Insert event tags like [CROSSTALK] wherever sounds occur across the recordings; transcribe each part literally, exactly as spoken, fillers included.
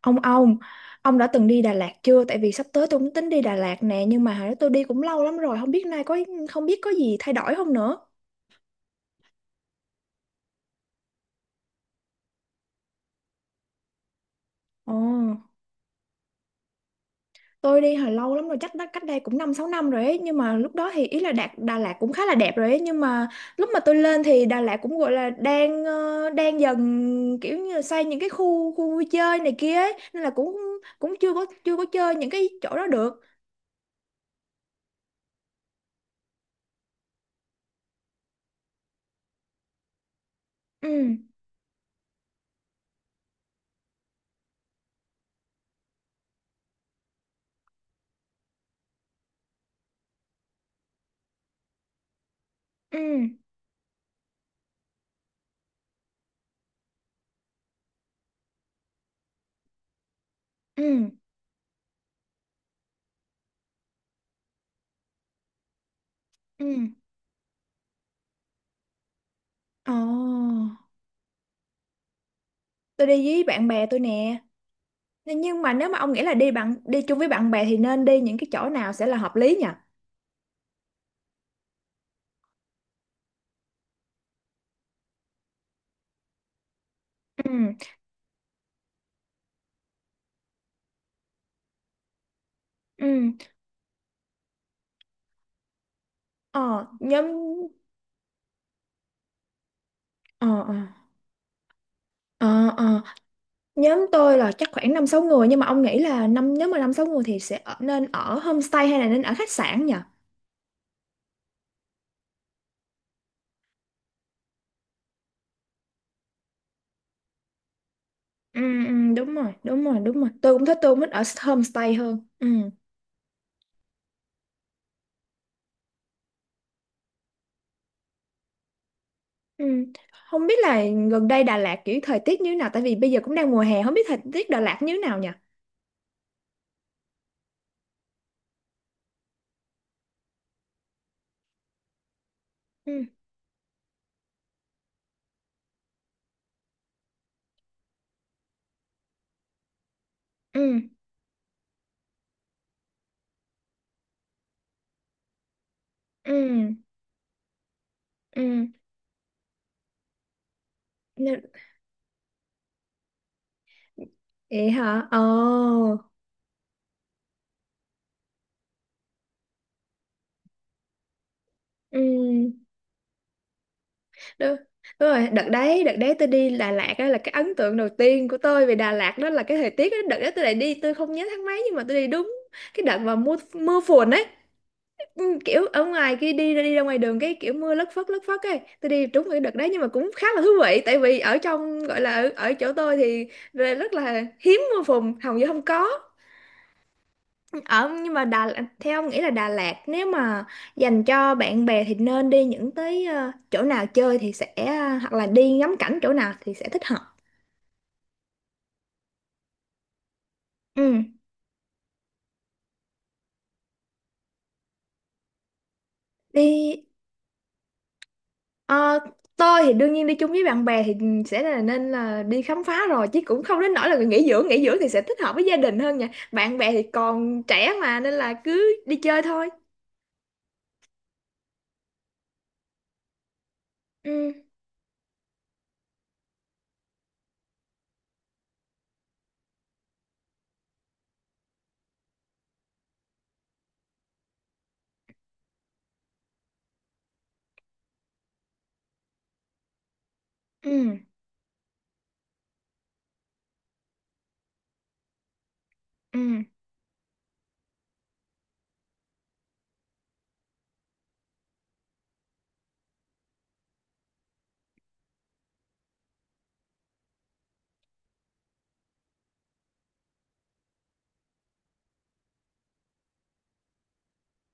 Ông ông, ông đã từng đi Đà Lạt chưa? Tại vì sắp tới tôi cũng tính đi Đà Lạt nè, nhưng mà hồi đó tôi đi cũng lâu lắm rồi, không biết nay có không biết có gì thay đổi không nữa. Ồ, tôi đi hồi lâu lắm rồi, chắc đã cách đây cũng năm sáu năm rồi ấy, nhưng mà lúc đó thì ý là Đà, Đà Lạt cũng khá là đẹp rồi ấy, nhưng mà lúc mà tôi lên thì Đà Lạt cũng gọi là đang ờ, đang dần kiểu như là xây những cái khu khu vui chơi này kia ấy, nên là cũng cũng chưa có chưa có chơi những cái chỗ đó được. Ừ, ừ, ừ, ừ. Ồ. Tôi đi với bạn bè tôi nè. Nên- nhưng mà nếu mà ông nghĩ là đi bạn đi chung với bạn bè thì nên đi những cái chỗ nào sẽ là hợp lý nhỉ? Ừ, ừ, ờ, nhóm, ờ, ờ, ờ, ờ. Nhóm tôi là chắc khoảng năm sáu người, nhưng mà ông nghĩ là năm nếu mà năm sáu người thì sẽ ở, nên ở homestay hay là nên ở khách sạn nhỉ? Ừ, ừ, đúng rồi, đúng rồi, đúng rồi, tôi cũng thích tôi cũng thích ở homestay hơn. Ừ, ừ, không biết là gần đây Đà Lạt kiểu thời tiết như thế nào, tại vì bây giờ cũng đang mùa hè, không biết thời tiết Đà Lạt như thế nào nhỉ? Ừ, ừ, ừ, ừ. Nên- Vậy hả? Ồ. Ừ. Đúng, đúng rồi, đợt đấy, đợt đấy tôi đi Đà Lạt đó là cái ấn tượng đầu tiên của tôi về Đà Lạt đó là cái thời tiết đó. Đợt đó tôi lại đi, tôi không nhớ tháng mấy, nhưng mà tôi đi đúng cái đợt mà mưa mưa phùn ấy. Ừ, kiểu ở ngoài kia đi ra đi ra ngoài đường cái kiểu mưa lất phất lất phất ấy, tôi đi trúng cái đợt đấy, nhưng mà cũng khá là thú vị tại vì ở trong gọi là ở, ở chỗ tôi thì rất là hiếm mưa phùn, hầu như không có. Ở nhưng mà Đà Theo ông nghĩ là Đà Lạt nếu mà dành cho bạn bè thì nên đi những tới ờ, chỗ nào chơi thì sẽ ờ, hoặc là đi ngắm cảnh chỗ nào thì sẽ thích hợp? Ừ, đi ờ, tôi thì đương nhiên đi chung với bạn bè thì sẽ là nên là đi khám phá rồi, chứ cũng không đến nỗi là nghỉ dưỡng. Nghỉ dưỡng thì sẽ thích hợp với gia đình hơn nha, bạn bè thì còn trẻ mà, nên là cứ đi chơi thôi. Ừ, ừ, ừ,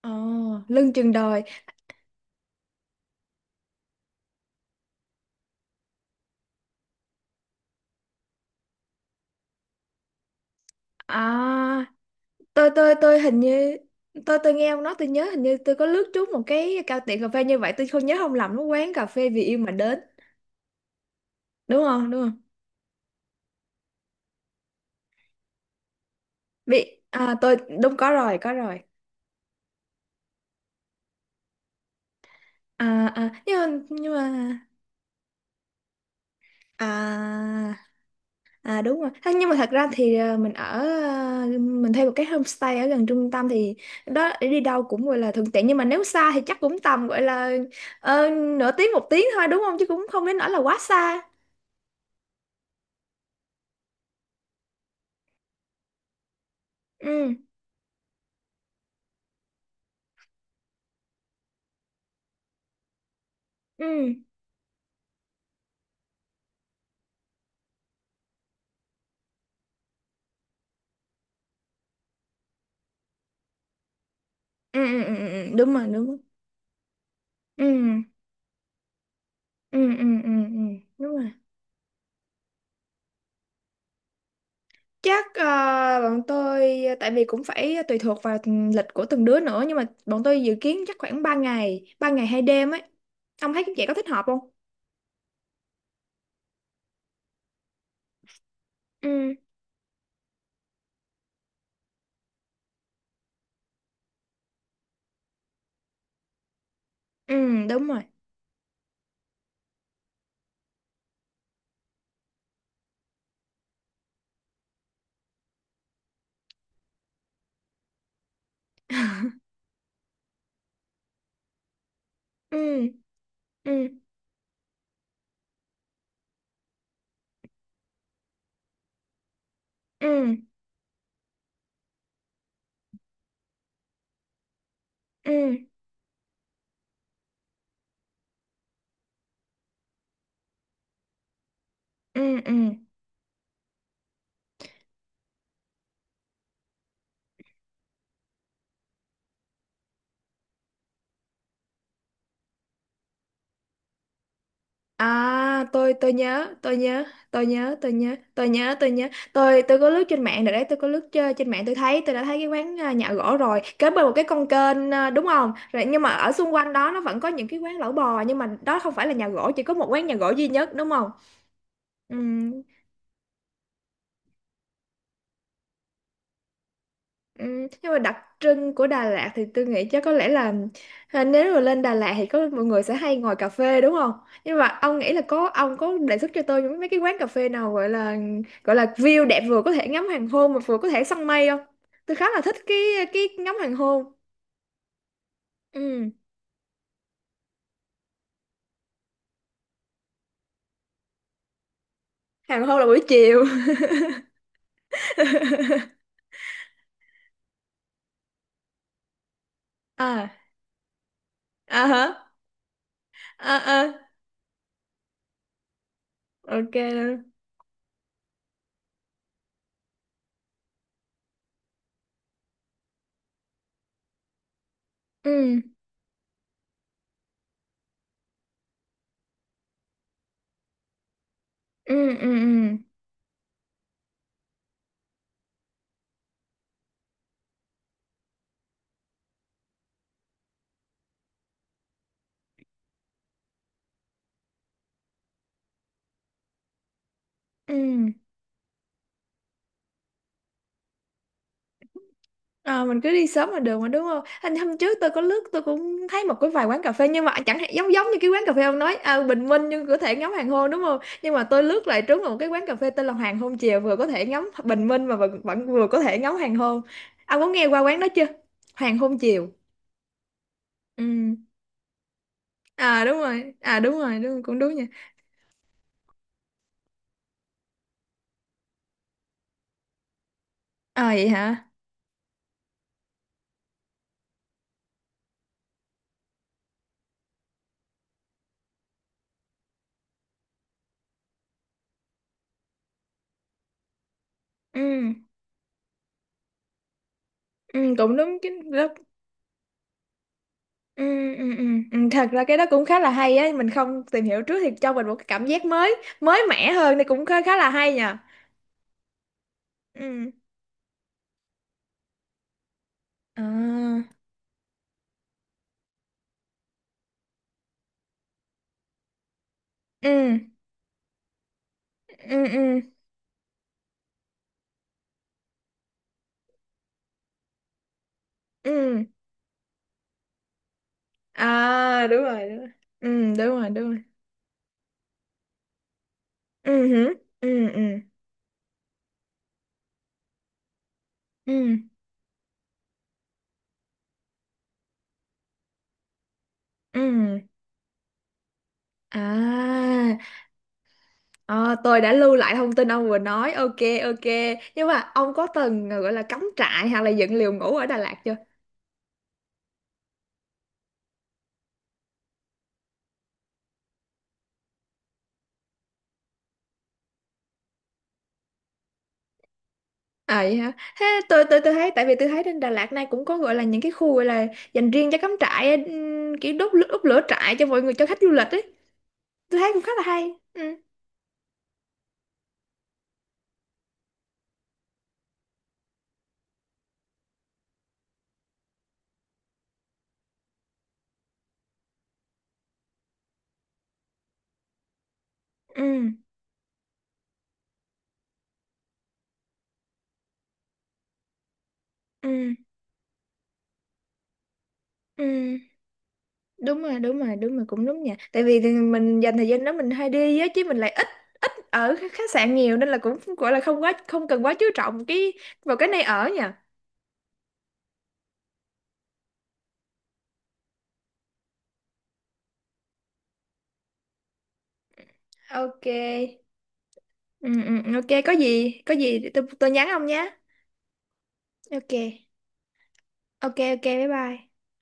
ờ lưng chừng đời. À, tôi tôi tôi hình như tôi tôi nghe ông nói tôi nhớ, hình như tôi có lướt trúng một cái cao tiệm cà phê như vậy, tôi không nhớ không lầm nó quán cà phê vì yêu mà đến đúng không? Đúng không? Bị à, tôi đúng có rồi, có rồi. À, à, nhưng mà nhưng mà à, à, đúng rồi. Thế nhưng mà thật ra thì à, mình ở à, mình thuê một cái homestay ở gần trung tâm thì đó đi đâu cũng gọi là thuận tiện, nhưng mà nếu xa thì chắc cũng tầm gọi là ờ, nửa tiếng một tiếng thôi đúng không, chứ cũng không đến nỗi là quá xa. Ừ, ừ, ừ, ừ, ừ, ừ, ừ, đúng rồi, đúng rồi. Ừ, ừ, ừ, ừ, ừ, đúng rồi, chắc ờ, bọn tôi, tại vì cũng phải tùy thuộc vào ừ, lịch của từng đứa nữa, nhưng mà bọn tôi dự kiến chắc khoảng ba ngày ba ngày hai đêm ấy, ông thấy vậy có thích hợp không? Ừ, ừ, đúng rồi. [LAUGHS] Ừ, ừ, ừ, ừ, ừ, ừ. À, tôi tôi nhớ, tôi nhớ, tôi nhớ, tôi nhớ, tôi nhớ, tôi nhớ. Tôi tôi có lướt trên mạng rồi đấy, tôi có lướt trên trên mạng tôi thấy, tôi đã thấy cái quán à, nhà gỗ rồi, kế bên một cái con kênh à, đúng không? Rồi nhưng mà ở xung quanh đó nó vẫn có những cái quán lẩu bò, nhưng mà đó không phải là nhà gỗ, chỉ có một quán nhà gỗ duy nhất đúng không? Ừ, ừ, nhưng mà đặc trưng của Đà Lạt thì tôi nghĩ chắc có lẽ là à, nếu mà lên Đà Lạt thì có mọi người sẽ hay ngồi cà phê đúng không? Nhưng mà ông nghĩ là có ông có đề xuất cho tôi những mấy cái quán cà phê nào gọi là gọi là view đẹp, vừa có thể ngắm hoàng hôn mà vừa có thể săn mây không? Tôi khá là thích cái cái ngắm hoàng hôn. Ừ, hoàng hôn là buổi chiều. [LAUGHS] À, à hả? À, à, ok. Ừ, ừ, ừ, ừ. Ừ. Ờ, mình cứ đi sớm là được mà đúng không? Anh hôm trước tôi có lướt tôi cũng thấy một cái vài quán cà phê, nhưng mà chẳng hạn giống giống như cái quán cà phê ông nói à, bình minh nhưng có thể ngắm hoàng hôn đúng không? Nhưng mà tôi lướt lại trúng vào một cái quán cà phê tên là Hoàng Hôn Chiều, vừa có thể ngắm bình minh mà vẫn, vẫn vừa có thể ngắm hoàng hôn. Ông có nghe qua quán đó chưa? Hoàng Hôn Chiều. Ừ. À đúng rồi. À đúng rồi, đúng cũng đúng nha. À vậy hả? Ừ. Ừ, cũng đúng cái đó. Ừ, ừ, ừ. Ừ. Thật ra cái đó cũng khá là hay á, mình không tìm hiểu trước thì cho mình một cái cảm giác mới mới mẻ hơn thì cũng khá khá là hay nhờ. Ừ, à, ừ, ừ, ừ, ừ, à, đúng rồi, đúng rồi. Ừ, đúng rồi, đúng rồi. Ừ hử, ừ, ừ, ừ, ừ, à. ờ, tôi đã lưu lại thông tin ông vừa nói, ok. Ok, nhưng mà ông có từng ờ, gọi là cắm trại hoặc là dựng lều ngủ ở Đà Lạt chưa? À vậy hả? Thế tôi tôi tôi thấy, tại vì tôi thấy trên Đà Lạt này cũng có gọi là những cái khu gọi là dành riêng cho cắm trại, ừm, kiểu đốt lửa, đốt lửa trại cho mọi người, cho khách du lịch ấy. Tôi thấy cũng khá là hay. Ừ. Ừ. Ừ. Ừ. Đúng rồi, đúng rồi, đúng rồi, cũng đúng nha. Tại vì thì mình dành thời gian đó mình hay đi á, chứ mình lại ít ở khách khách sạn nhiều, nên là cũng gọi là không quá không cần quá chú trọng cái vào cái nơi ở nha. Ok. Ừ, ừ, ok, có gì, có gì tôi tôi nhắn ông nhé. Ok. Ok, ok, bye bye.